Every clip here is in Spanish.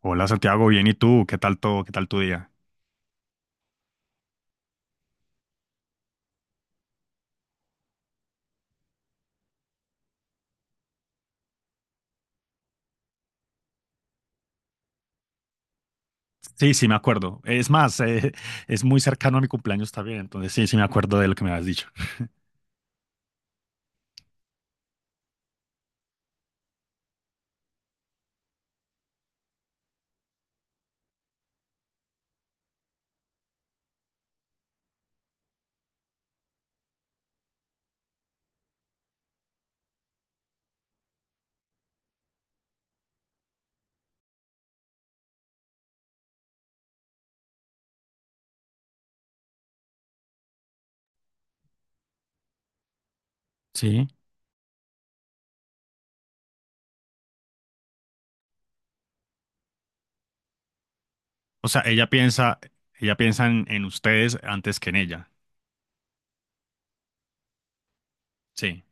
Hola Santiago, bien, ¿y tú? ¿Qué tal todo? ¿Qué tal tu día? Sí, sí, me acuerdo. Es más, es muy cercano a mi cumpleaños también, entonces sí, sí me acuerdo de lo que me habías dicho. Sí. O sea, ella piensa en ustedes antes que en ella. Sí,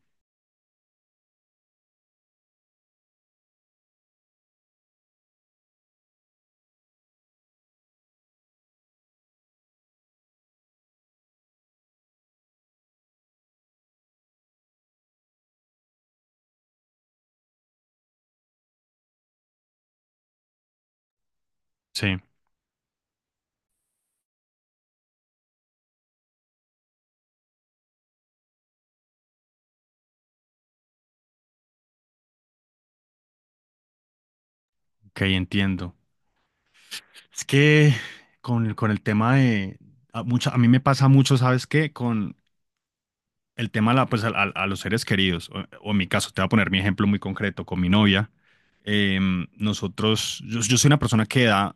sí, ok, entiendo. Es que con el tema de, a mí me pasa mucho, ¿sabes qué? Con, el tema a pues, los seres queridos, o en mi caso, te voy a poner mi ejemplo muy concreto con mi novia. Yo soy una persona que da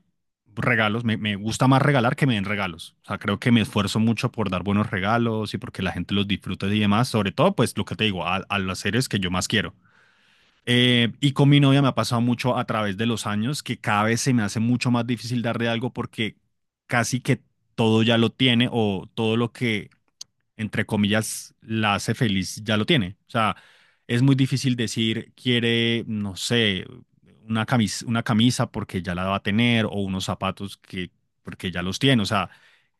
regalos, me gusta más regalar que me den regalos. O sea, creo que me esfuerzo mucho por dar buenos regalos y porque la gente los disfrute y demás, sobre todo, pues lo que te digo, a los seres que yo más quiero. Y con mi novia me ha pasado mucho a través de los años que cada vez se me hace mucho más difícil darle algo porque casi que todo ya lo tiene o todo lo que entre comillas, la hace feliz, ya lo tiene. O sea, es muy difícil decir, quiere, no sé, una camisa porque ya la va a tener o unos zapatos porque ya los tiene. O sea,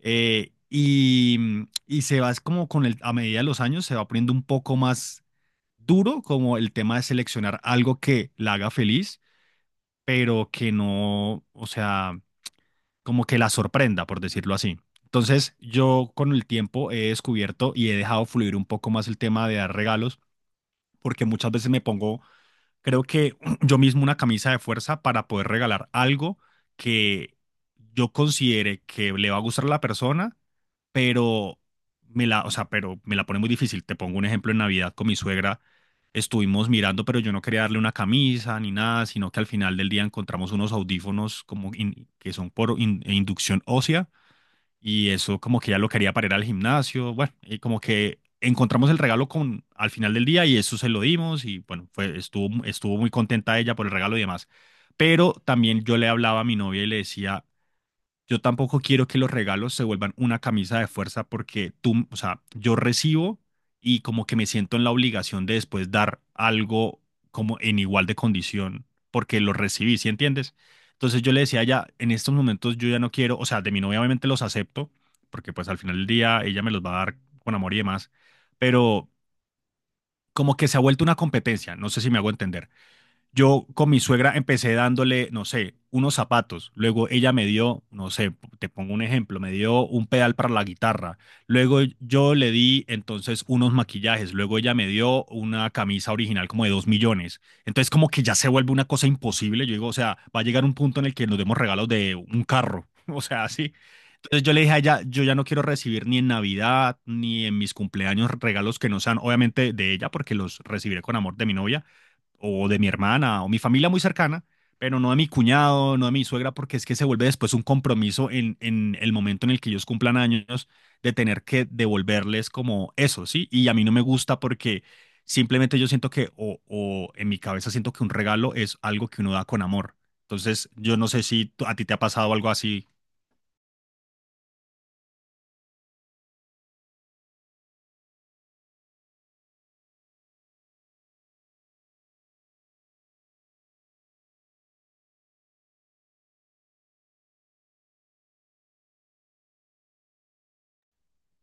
y se va, es como con el, a medida de los años, se va poniendo un poco más duro como el tema de seleccionar algo que la haga feliz, pero que no, o sea como que la sorprenda, por decirlo así. Entonces, yo con el tiempo he descubierto y he dejado fluir un poco más el tema de dar regalos, porque muchas veces me pongo, creo que yo mismo una camisa de fuerza para poder regalar algo que yo considere que le va a gustar a la persona, pero o sea, pero me la pone muy difícil. Te pongo un ejemplo en Navidad con mi suegra. Estuvimos mirando, pero yo no quería darle una camisa ni nada, sino que al final del día encontramos unos audífonos que son por inducción ósea y eso como que ya lo quería para ir al gimnasio, bueno, y como que encontramos el regalo con al final del día y eso se lo dimos y bueno, estuvo muy contenta ella por el regalo y demás. Pero también yo le hablaba a mi novia y le decía, yo tampoco quiero que los regalos se vuelvan una camisa de fuerza porque tú, o sea, yo recibo y como que me siento en la obligación de después dar algo como en igual de condición porque lo recibí, ¿sí entiendes? Entonces yo le decía ya, en estos momentos yo ya no quiero, o sea, de mi novia obviamente los acepto porque pues al final del día ella me los va a dar con amor y demás, pero como que se ha vuelto una competencia, no sé si me hago entender. Yo con mi suegra empecé dándole, no sé, unos zapatos. Luego ella me dio, no sé, te pongo un ejemplo, me dio un pedal para la guitarra. Luego yo le di entonces unos maquillajes. Luego ella me dio una camisa original como de 2 millones. Entonces como que ya se vuelve una cosa imposible. Yo digo, o sea, va a llegar un punto en el que nos demos regalos de un carro. O sea, así. Entonces yo le dije a ella, yo ya no quiero recibir ni en Navidad ni en mis cumpleaños regalos que no sean obviamente de ella porque los recibiré con amor de mi novia, o de mi hermana o mi familia muy cercana, pero no de mi cuñado, no de mi suegra, porque es que se vuelve después un compromiso en el momento en el que ellos cumplan años de tener que devolverles como eso, ¿sí? Y a mí no me gusta porque simplemente yo siento que, o en mi cabeza siento que un regalo es algo que uno da con amor. Entonces, yo no sé si a ti te ha pasado algo así.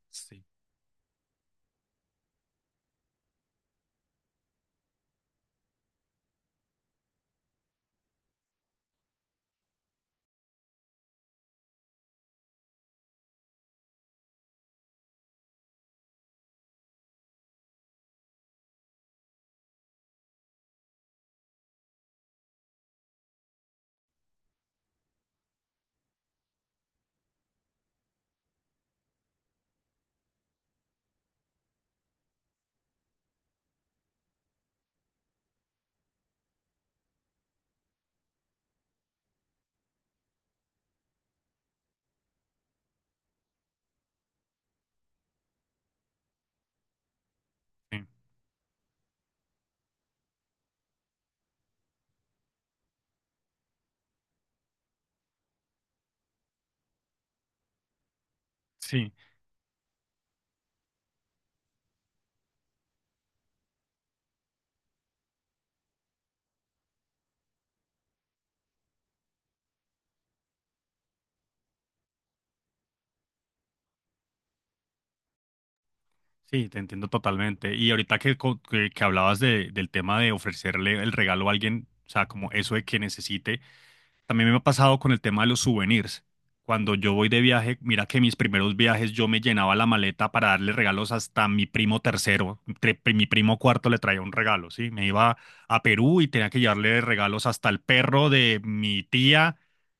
Sí, sí, sí, sí, te entiendo totalmente. Y ahorita que hablabas de, del tema de ofrecerle el regalo a alguien, o sea, como eso de que necesite. También me ha pasado con el tema de los souvenirs. Cuando yo voy de viaje, mira que mis primeros viajes yo me llenaba la maleta para darle regalos hasta a mi primo tercero. Mi primo cuarto le traía un regalo, ¿sí? Me iba a Perú y tenía que llevarle regalos hasta al perro de mi tía,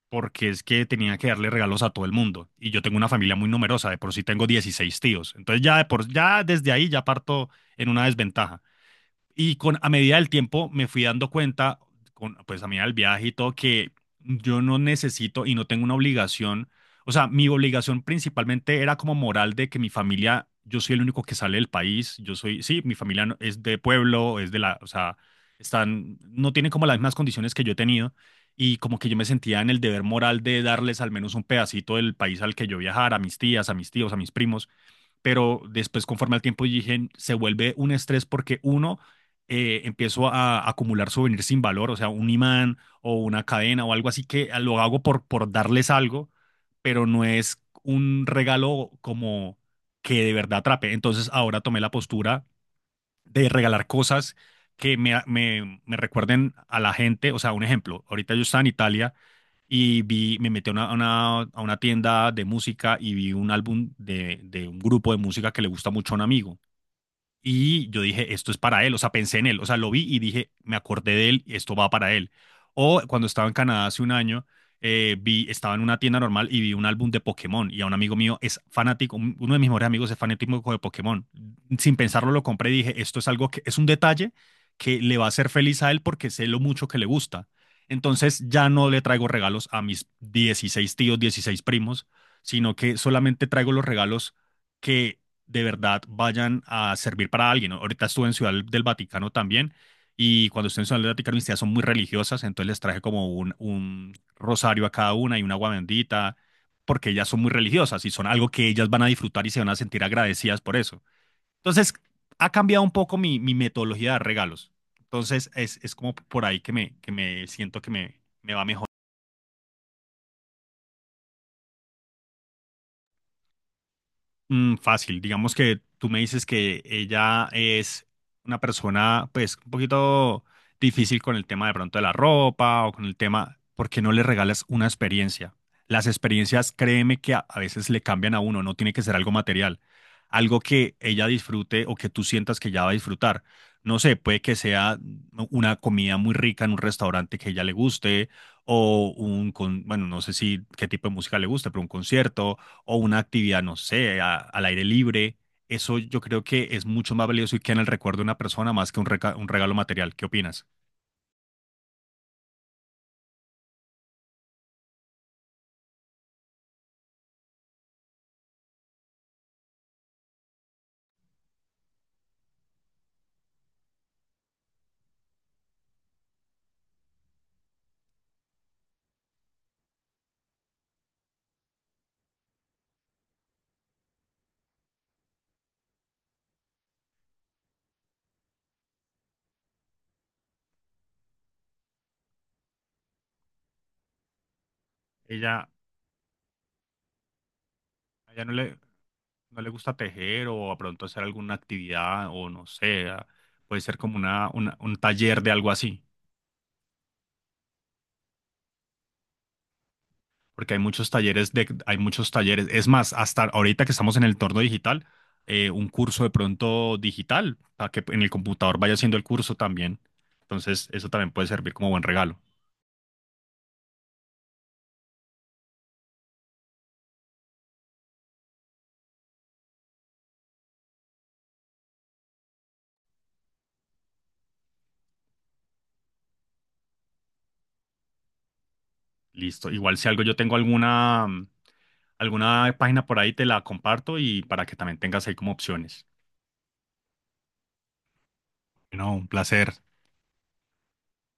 porque es que tenía que darle regalos a todo el mundo. Y yo tengo una familia muy numerosa, de por sí tengo 16 tíos. Entonces ya, ya desde ahí ya parto en una desventaja. Y a medida del tiempo me fui dando cuenta, pues a medida del viaje y todo, que yo no necesito y no tengo una obligación. O sea, mi obligación principalmente era como moral de que mi familia, yo soy el único que sale del país, yo soy, sí, mi familia es de pueblo, es de la, o sea, están, no tienen como las mismas condiciones que yo he tenido y como que yo me sentía en el deber moral de darles al menos un pedacito del país al que yo viajara, a mis tías, a mis tíos, a mis primos pero después conforme al tiempo dije, se vuelve un estrés porque uno, empiezo a acumular souvenirs sin valor, o sea, un imán o una cadena o algo así que lo hago por darles algo, pero no es un regalo como que de verdad atrape. Entonces ahora tomé la postura de regalar cosas que me recuerden a la gente, o sea, un ejemplo, ahorita yo estaba en Italia y vi, me metí a una tienda de música y vi un álbum de un grupo de música que le gusta mucho a un amigo. Y yo dije, esto es para él, o sea, pensé en él, o sea, lo vi y dije, me acordé de él, esto va para él. O cuando estaba en Canadá hace un año, estaba en una tienda normal y vi un álbum de Pokémon y a un amigo mío es fanático, uno de mis mejores amigos es fanático de Pokémon. Sin pensarlo lo compré y dije, esto es algo que es un detalle que le va a hacer feliz a él porque sé lo mucho que le gusta. Entonces ya no le traigo regalos a mis 16 tíos, 16 primos, sino que solamente traigo los regalos que de verdad vayan a servir para alguien, ¿no? Ahorita estuve en Ciudad del Vaticano también y cuando estuve en Ciudad del Vaticano mis tías son muy religiosas, entonces les traje como un rosario a cada una y un agua bendita, porque ellas son muy religiosas y son algo que ellas van a disfrutar y se van a sentir agradecidas por eso. Entonces, ha cambiado un poco mi metodología de regalos. Entonces, es como por ahí que me siento que me va mejor. Fácil, digamos que tú me dices que ella es una persona pues un poquito difícil con el tema de pronto de la ropa o con el tema, ¿porque no le regalas una experiencia? Las experiencias, créeme que a veces le cambian a uno, no tiene que ser algo material, algo que ella disfrute o que tú sientas que ella va a disfrutar. No sé, puede que sea una comida muy rica en un restaurante que a ella le guste o bueno, no sé si qué tipo de música le guste, pero un concierto o una actividad, no sé, al aire libre. Eso yo creo que es mucho más valioso y queda en el recuerdo de una persona más que un regalo material. ¿Qué opinas? Ella, a ella no le gusta tejer o a pronto hacer alguna actividad o no sé, puede ser como un taller de algo así, porque hay muchos talleres. Es más, hasta ahorita que estamos en el entorno digital, un curso de pronto digital, para que en el computador vaya haciendo el curso también. Entonces, eso también puede servir como buen regalo. Listo. Igual si algo yo tengo alguna página por ahí, te la comparto y para que también tengas ahí como opciones. No, un placer.